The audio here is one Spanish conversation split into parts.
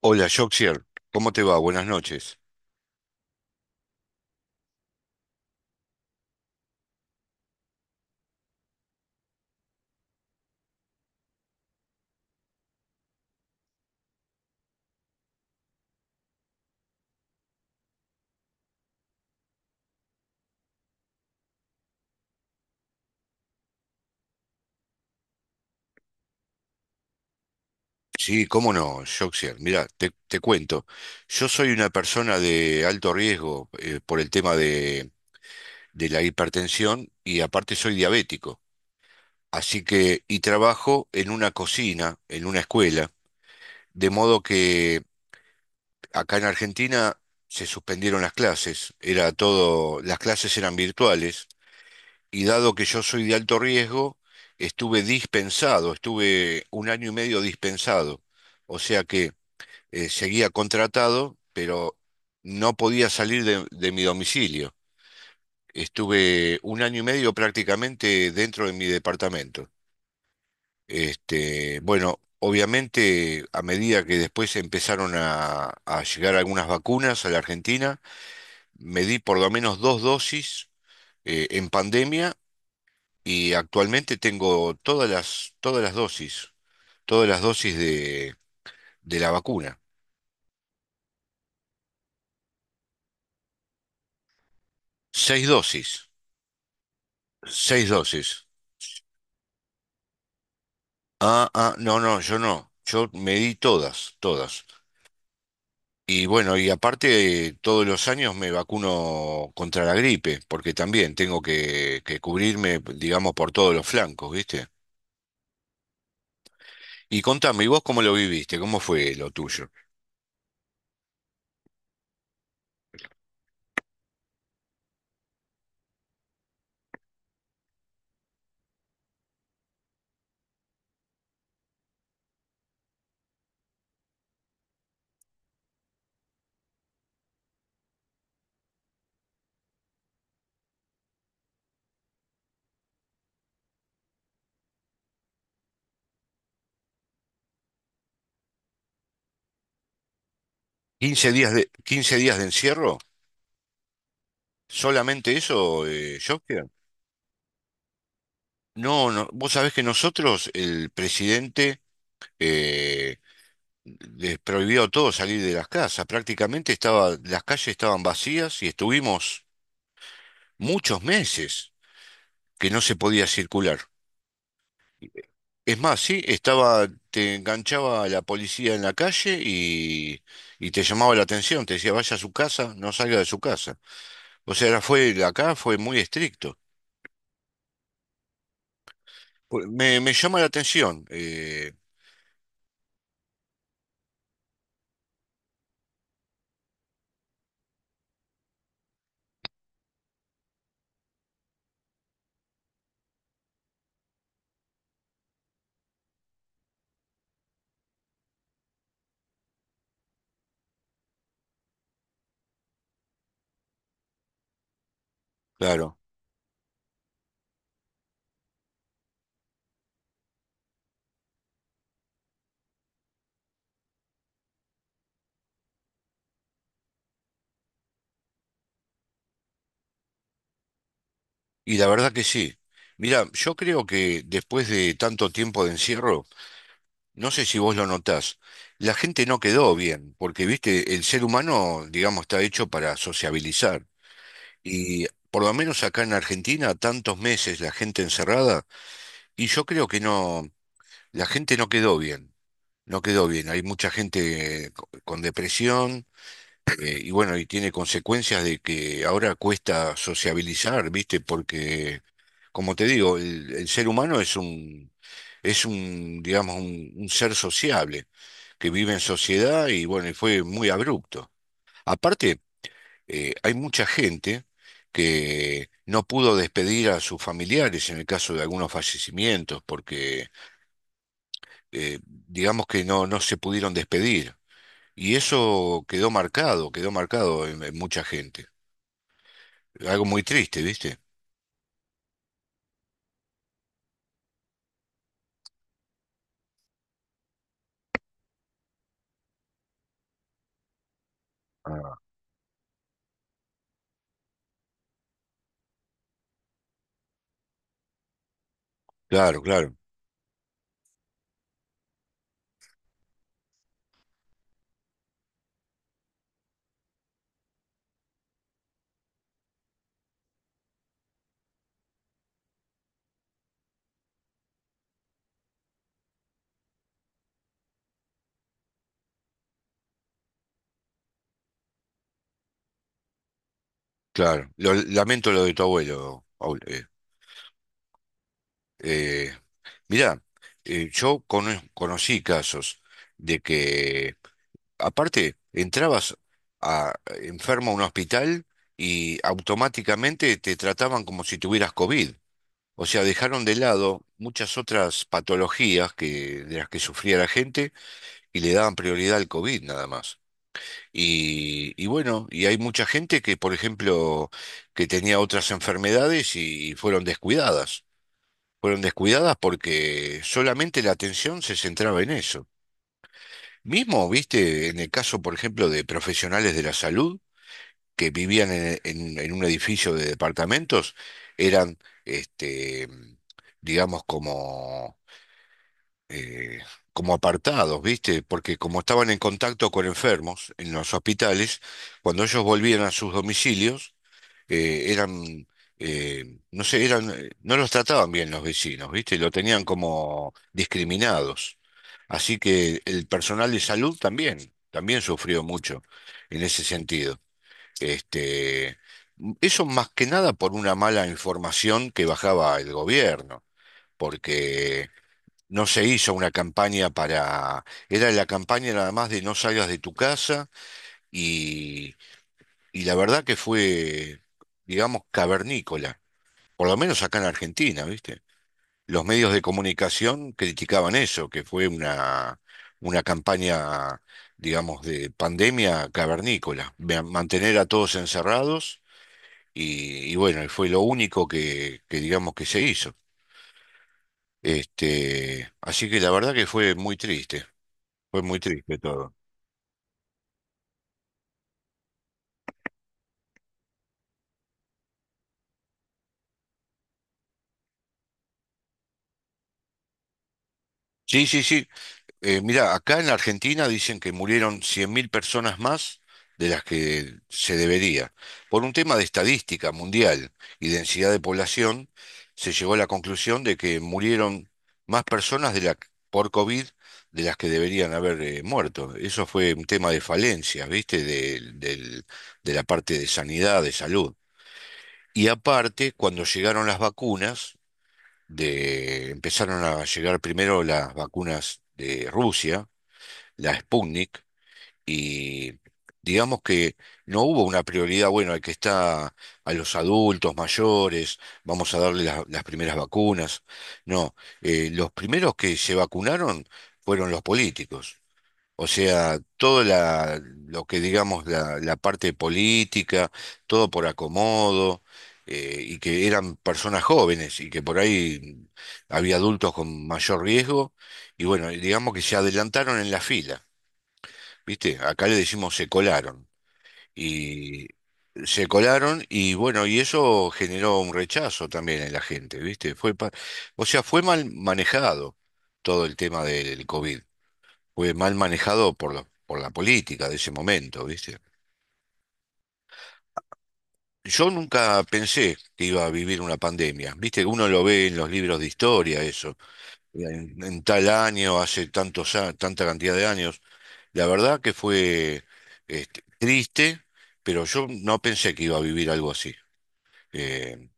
Hola, Joxier, ¿cómo te va? Buenas noches. Sí, cómo no, Joxier. Mira, te cuento. Yo soy una persona de alto riesgo por el tema de la hipertensión y aparte soy diabético. Así que, y trabajo en una cocina, en una escuela, de modo que acá en Argentina se suspendieron las clases. Era todo, las clases eran virtuales. Y dado que yo soy de alto riesgo, estuve dispensado, estuve un año y medio dispensado. O sea que seguía contratado, pero no podía salir de mi domicilio. Estuve un año y medio prácticamente dentro de mi departamento. Este, bueno, obviamente a medida que después empezaron a llegar algunas vacunas a la Argentina, me di por lo menos dos dosis en pandemia. Y actualmente tengo todas las dosis de la vacuna. Seis dosis, seis dosis. Ah, ah, no, no, yo no. Yo me di todas, todas. Y bueno, y aparte todos los años me vacuno contra la gripe, porque también tengo que cubrirme, digamos, por todos los flancos, ¿viste? Y contame, ¿y vos cómo lo viviste? ¿Cómo fue lo tuyo? Quince días de encierro, solamente eso, Joker. No, no, vos sabés que nosotros, el presidente, eh, les prohibió a todos salir de las casas. Prácticamente estaba, las calles estaban vacías y estuvimos muchos meses que no se podía circular. Es más, sí, estaba, te enganchaba la policía en la calle y te llamaba la atención, te decía, vaya a su casa, no salga de su casa. O sea, era- fue, acá fue muy estricto. Me llama la atención, claro, y la verdad que sí. Mira, yo creo que después de tanto tiempo de encierro, no sé si vos lo notás, la gente no quedó bien, porque viste, el ser humano, digamos, está hecho para sociabilizar. Y por lo menos acá en Argentina, tantos meses la gente encerrada, y yo creo que no, la gente no quedó bien, no quedó bien. Hay mucha gente con depresión. Y bueno, y tiene consecuencias de que ahora cuesta sociabilizar, ¿viste? Porque, como te digo, el ser humano es un, digamos, un ser sociable, que vive en sociedad y bueno, y fue muy abrupto. Aparte, hay mucha gente que no pudo despedir a sus familiares en el caso de algunos fallecimientos, porque digamos que no, no se pudieron despedir. Y eso quedó marcado en mucha gente. Algo muy triste, ¿viste? Ah, claro, claro, claro. Lamento lo de tu abuelo, Paul. Eh, Mirá, yo conocí casos de que, aparte, entrabas a, enfermo a un hospital y automáticamente te trataban como si tuvieras COVID. O sea, dejaron de lado muchas otras patologías que, de las que sufría la gente y le daban prioridad al COVID nada más. Bueno, y hay mucha gente que, por ejemplo, que tenía otras enfermedades y fueron descuidadas. Fueron descuidadas porque solamente la atención se centraba en eso. Mismo, viste, en el caso, por ejemplo, de profesionales de la salud que vivían en un edificio de departamentos, eran, este, digamos, eh, como apartados, ¿viste? Porque como estaban en contacto con enfermos en los hospitales, cuando ellos volvían a sus domicilios, eh, eran, no sé, no los trataban bien los vecinos, ¿viste? Lo tenían como discriminados. Así que el personal de salud también, también sufrió mucho en ese sentido. Este, Eso más que nada por una mala información que bajaba el gobierno, porque no se hizo una campaña para. Era la campaña nada más de no salgas de tu casa y, y la verdad que fue, digamos, cavernícola, por lo menos acá en Argentina, ¿viste? Los medios de comunicación criticaban eso, que fue una campaña, digamos, de pandemia cavernícola, mantener a todos encerrados y bueno, y fue lo único que digamos que se hizo. Así que la verdad que fue muy triste. Fue muy triste todo. Sí, sí, sí. Mira, acá en la Argentina dicen que murieron 100.000 personas más de las que se debería. Por un tema de estadística mundial y densidad de población, se llegó a la conclusión de que murieron más personas por COVID de las que deberían haber muerto. Eso fue un tema de falencia, ¿viste? De la parte de sanidad, de salud. Y aparte, cuando llegaron las vacunas, empezaron a llegar primero las vacunas de Rusia, la Sputnik, y digamos que no hubo una prioridad, bueno, al que está a los adultos mayores, vamos a darle las primeras vacunas. No, los primeros que se vacunaron fueron los políticos. O sea, lo que digamos la parte política, todo por acomodo, y que eran personas jóvenes y que por ahí había adultos con mayor riesgo, y bueno, y digamos que se adelantaron en la fila, ¿viste? Acá le decimos y se colaron y bueno, y eso generó un rechazo también en la gente, ¿viste? Fue, o sea, fue mal manejado todo el tema del COVID fue mal manejado por por la política de ese momento, ¿viste? Yo nunca pensé que iba a vivir una pandemia, ¿viste? Uno lo ve en los libros de historia, eso, en tal año, hace tantos, tanta cantidad de años. La verdad que fue triste, pero yo no pensé que iba a vivir algo así. Eh,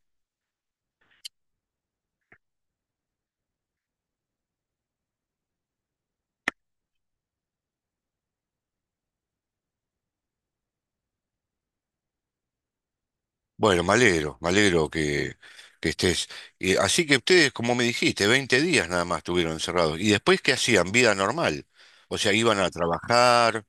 bueno, me alegro que estés. Así que ustedes, como me dijiste, 20 días nada más estuvieron encerrados. ¿Y después qué hacían? Vida normal. O sea, iban a trabajar.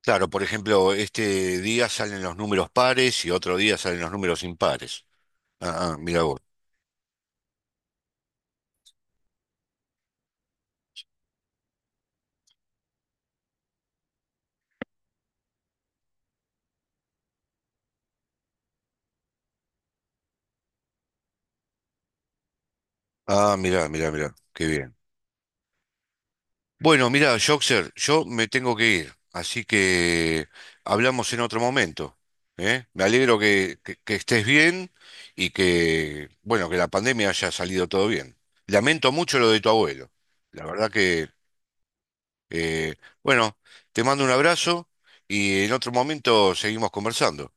Claro, por ejemplo, este día salen los números pares y otro día salen los números impares. Ah, ah, mira vos. Ah, mira, mira, mira, qué bien. Bueno, mira, Joxer, yo me tengo que ir, así que hablamos en otro momento, ¿eh? Me alegro que, que estés bien y que, bueno, que la pandemia haya salido todo bien. Lamento mucho lo de tu abuelo. La verdad que, eh, bueno, te mando un abrazo y en otro momento seguimos conversando.